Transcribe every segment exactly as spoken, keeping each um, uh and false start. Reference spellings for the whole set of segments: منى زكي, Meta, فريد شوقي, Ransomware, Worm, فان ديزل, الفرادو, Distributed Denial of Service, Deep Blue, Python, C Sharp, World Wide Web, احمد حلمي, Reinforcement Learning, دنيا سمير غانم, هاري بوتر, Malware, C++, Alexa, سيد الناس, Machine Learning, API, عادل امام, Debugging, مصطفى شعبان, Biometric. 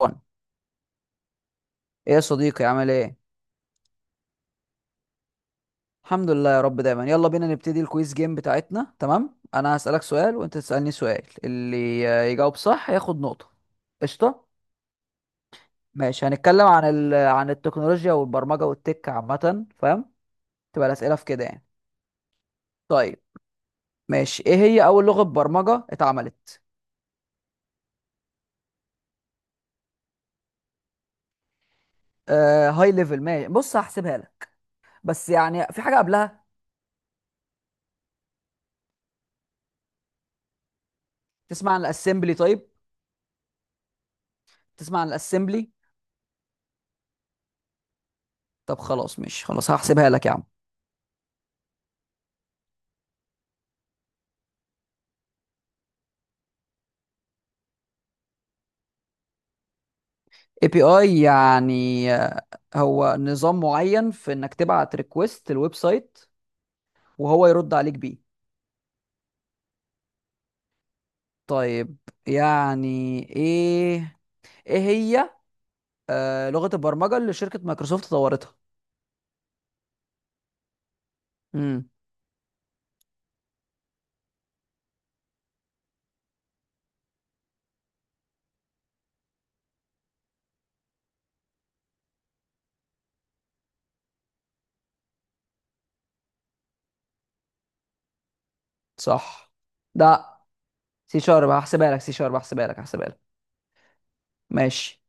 وان. ايه يا صديقي عامل ايه؟ الحمد لله يا رب دايما، يلا بينا نبتدي الكويز جيم بتاعتنا. تمام، انا هسألك سؤال وانت تسألني سؤال، اللي يجاوب صح ياخد نقطة. قشطة. ماشي، هنتكلم عن ال... عن التكنولوجيا والبرمجة والتك عامة، فاهم؟ تبقى الأسئلة في كده يعني. طيب. ماشي، ايه هي اول لغة برمجة اتعملت؟ آه هاي ليفل، ماشي، بص هحسبها لك، بس يعني في حاجة قبلها. تسمع عن الاسمبلي؟ طيب، تسمع عن الاسمبلي؟ طب خلاص، ماشي خلاص، هحسبها لك يا عم. اي بي اي يعني آه، هو نظام معين في انك تبعت ريكوست الويب سايت، وهو يرد عليك بيه. طيب. يعني ايه؟ ايه هي آه، لغة البرمجة اللي شركة مايكروسوفت طورتها؟ امم. صح. ده سي شارب، هحسبها لك سي شارب، هحسبها لك هحسبها لك. ماشي.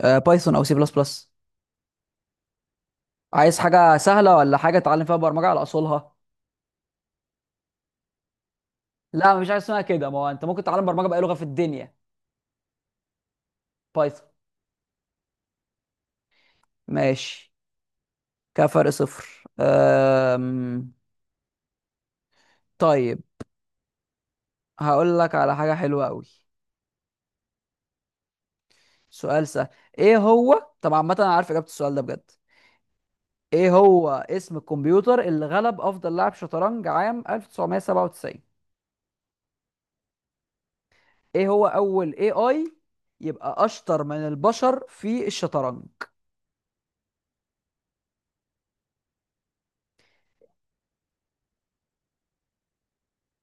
آه، بايثون او سي بلس بلس. عايز حاجة سهلة ولا حاجة تتعلم فيها برمجة على اصولها؟ لا، مفيش حاجة اسمها كده، ما هو انت ممكن تتعلم برمجة بأي لغة في الدنيا. بايثون. ماشي كده، فرق صفر. أم... طيب، هقول لك على حاجة حلوة قوي. سؤال سهل. ايه هو، طب عامة انا عارف اجابة السؤال ده بجد. ايه هو اسم الكمبيوتر اللي غلب افضل لاعب شطرنج عام ألف تسعمية سبعة وتسعين؟ ايه هو اول اي اي يبقى اشطر من البشر في الشطرنج؟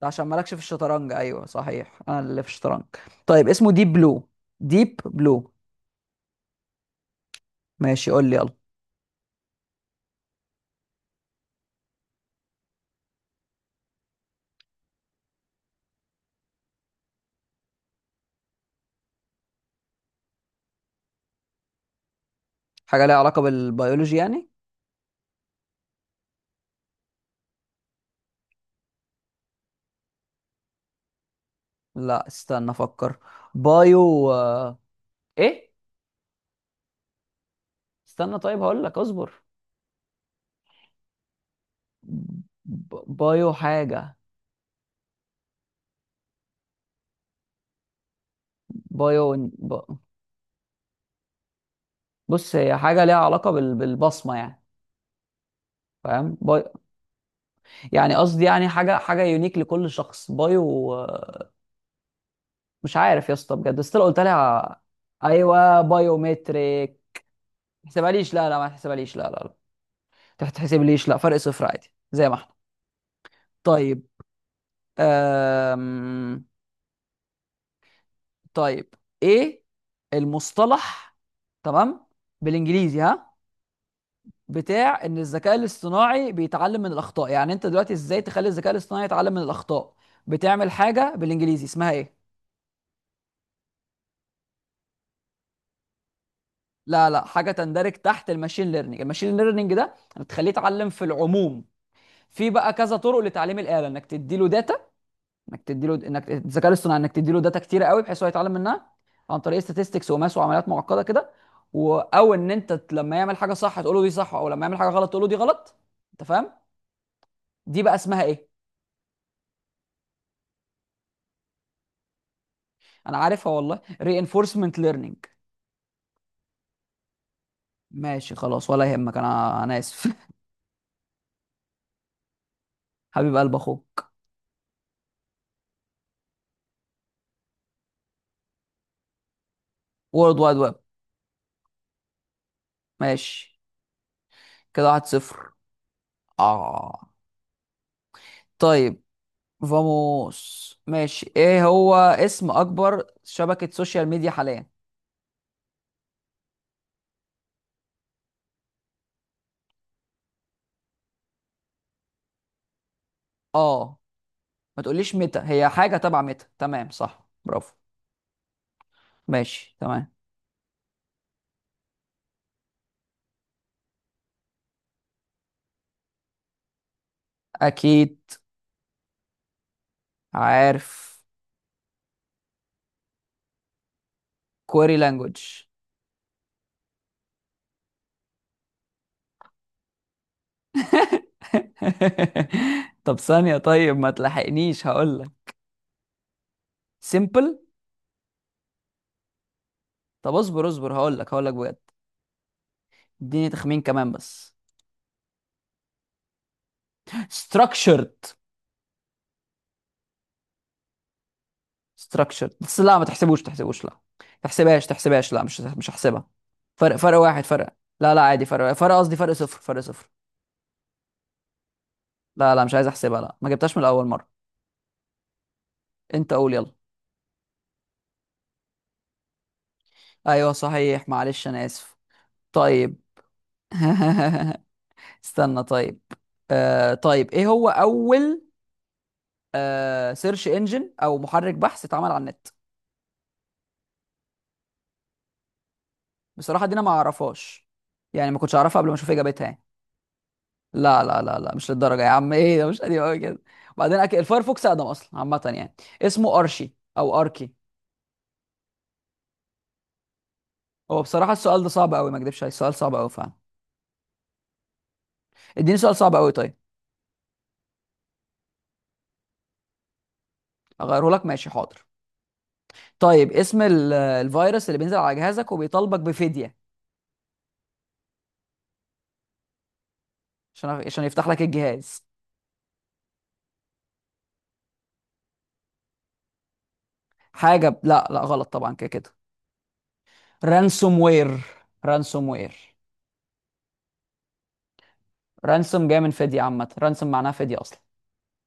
ده عشان مالكش في الشطرنج، ايوه صحيح انا اللي في الشطرنج. طيب اسمه ديب بلو. ديب بلو. ماشي، قول لي يلا. حاجة ليها علاقة بالبيولوجي يعني. لا استنى افكر. بايو آه، ايه، استنى، طيب هقول لك اصبر. ب- بايو حاجة. بايو ب... بص، هي حاجة ليها علاقة بال... بالبصمة يعني، فاهم؟ باي... يعني قصدي يعني حاجة حاجة يونيك لكل شخص. بايو آه، مش عارف يا اسطى بجد، بس لو قلت لها ايوه بايومتريك. ما تحسبهاليش، لا لا، ما تحسبهاليش، لا لا لا، ما تحسبليش لا، فرق صفر عادي زي ما احنا. طيب أم... طيب، ايه المصطلح، تمام، بالانجليزي، ها، بتاع ان الذكاء الاصطناعي بيتعلم من الاخطاء؟ يعني انت دلوقتي ازاي تخلي الذكاء الاصطناعي يتعلم من الاخطاء؟ بتعمل حاجه بالانجليزي اسمها ايه؟ لا لا حاجه تندرج تحت الماشين ليرنينج، الماشين ليرنينج ده بتخليه يتعلم في العموم. في بقى كذا طرق لتعليم الاله، انك تدي له، انك تدي له انك الذكاء الاصطناعي، انك تدي له داتا كتيره قوي بحيث هو يتعلم منها عن طريق statistics وماس وعمليات معقده كده. و... او ان انت ت- لما يعمل حاجه صح تقول له دي صح، او لما يعمل حاجه غلط تقول له دي غلط. انت فاهم؟ دي بقى اسمها ايه؟ انا عارفها والله. reinforcement learning. ماشي خلاص، ولا يهمك، انا انا اسف. حبيب قلب اخوك. وورلد وايد ويب. ماشي كده، واحد صفر. اه. طيب فاموس، ماشي، ايه هو اسم اكبر شبكه سوشيال ميديا حاليا؟ اه، ما تقوليش ميتا، هي حاجة تبع ميتا، تمام صح، برافو. ماشي تمام. أكيد. عارف كوري لانجوج. طب ثانية، طيب ما تلحقنيش هقول لك. سيمبل. طب اصبر اصبر، هقول لك هقول لك بجد. اديني تخمين كمان بس. structured. structured بس، لا ما تحسبوش تحسبوش لا. تحسبهاش تحسبهاش لا، مش مش هحسبها. فرق فرق واحد فرق. لا لا، عادي، فرق فرق قصدي، فرق صفر فرق صفر. لا لا، مش عايز احسبها لا، ما جبتهاش من اول مرة. انت قول يلا. ايوه صحيح، معلش انا اسف. طيب. استنى طيب. آه طيب ايه هو اول آه سيرش انجن او محرك بحث اتعمل على النت؟ بصراحه دي انا ما اعرفهاش، يعني ما كنتش اعرفها قبل ما اشوف اجابتها يعني. لا لا لا لا، مش للدرجه يا عم، ايه ده، مش قديم قوي كده، وبعدين اكيد الفايرفوكس اقدم اصلا عامه يعني. اسمه ارشي او اركي. هو بصراحه السؤال ده صعب قوي، ما اكدبش عليك السؤال صعب قوي فعلا. اديني سؤال صعب قوي طيب. اغيره لك، ماشي حاضر. طيب، اسم ال- الفيروس اللي بينزل على جهازك وبيطالبك بفدية عشان عشان يفتح لك الجهاز؟ حاجه ب... لا لا، غلط طبعا كده كده. رانسوم وير. رانسوم وير. رانسوم جايه من فديه عامه، رانسوم معناها فديه اصلا.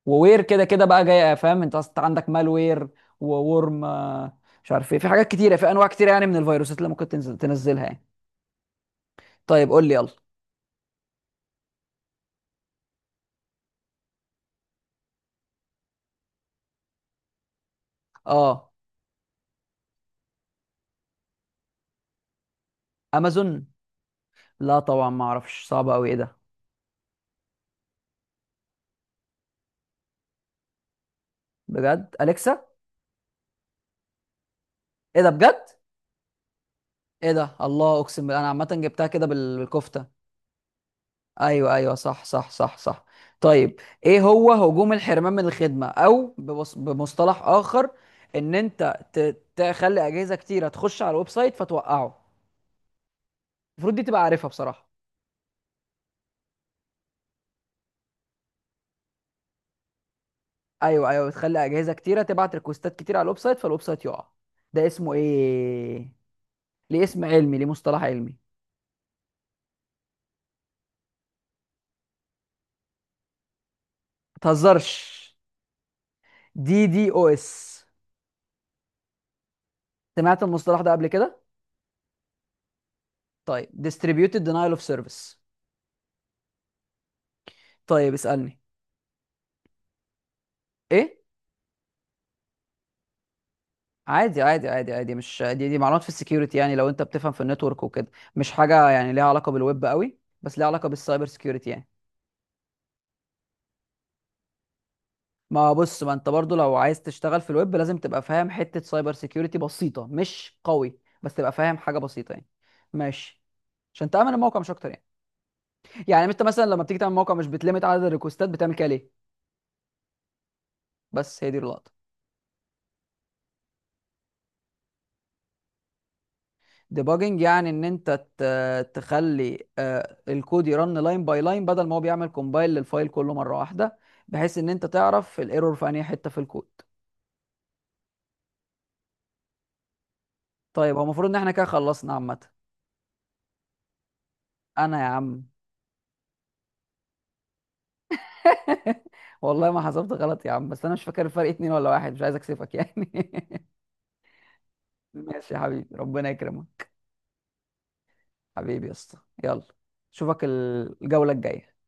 ووير كده كده بقى جايه، فاهم؟ انت أصلاً عندك مالوير. وورم آه، مش عارف، ايه، في حاجات كتيره، في انواع كتيره يعني من الفيروسات اللي ممكن تنزل تنزلها يعني. طيب قول لي يلا. اه. امازون. لا طبعا ما اعرفش، صعب قوي، ايه ده؟ بجد، اليكسا. ايه ده بجد؟ ايه ده؟ الله، اقسم بالله انا عامه جبتها كده بال- بالكفته. ايوه ايوه، صح صح صح صح. طيب، ايه هو هجوم الحرمان من الخدمه، او بمص- بمصطلح اخر ان انت ت- تخلي اجهزه كتيره تخش على الويب سايت فتوقعه؟ المفروض دي تبقى عارفها بصراحه. ايوه ايوه، بتخلي اجهزه كتيره تبعت ريكوستات كتير على الويب سايت فالويب سايت يقع. ده اسمه ايه؟ ليه اسم علمي، ليه مصطلح علمي. متهزرش. دي دي او اس. سمعت المصطلح ده قبل كده؟ طيب، distributed denial of service. طيب اسالني. ايه؟ عادي عادي عادي عادي، مش دي دي معلومات في السكيورتي يعني، لو انت بتفهم في النتورك وكده. مش حاجه يعني ليها علاقه بالويب قوي، بس ليها علاقه بالسايبر سكيورتي يعني. ما بص، ما انت برضو لو عايز تشتغل في الويب لازم تبقى فاهم حته سايبر سكيورتي بسيطه، مش قوي بس تبقى فاهم حاجه بسيطه يعني. ماشي. عشان تامن الموقع مش اكتر يعني. يعني انت مثلا لما بتيجي تعمل موقع مش بتلمت عدد الريكوستات، بتعمل كده ليه؟ بس هي دي اللقطه. ديباجنج يعني ان انت ت- تخلي آه، الكود يرن لاين باي لاين، بدل ما هو بيعمل كومبايل للفايل كله مره واحده، بحيث ان انت تعرف الايرور في انهي حته في الكود. طيب، هو المفروض ان احنا كده خلصنا عامه. انا يا عم. والله ما حسبت غلط يا عم، بس انا مش فاكر الفرق اتنين ولا واحد، مش عايز اكسفك يعني. ماشي يا حبيبي، ربنا يكرمك. حبيبي يا اسطى. يلا، اشوفك الجوله الجايه.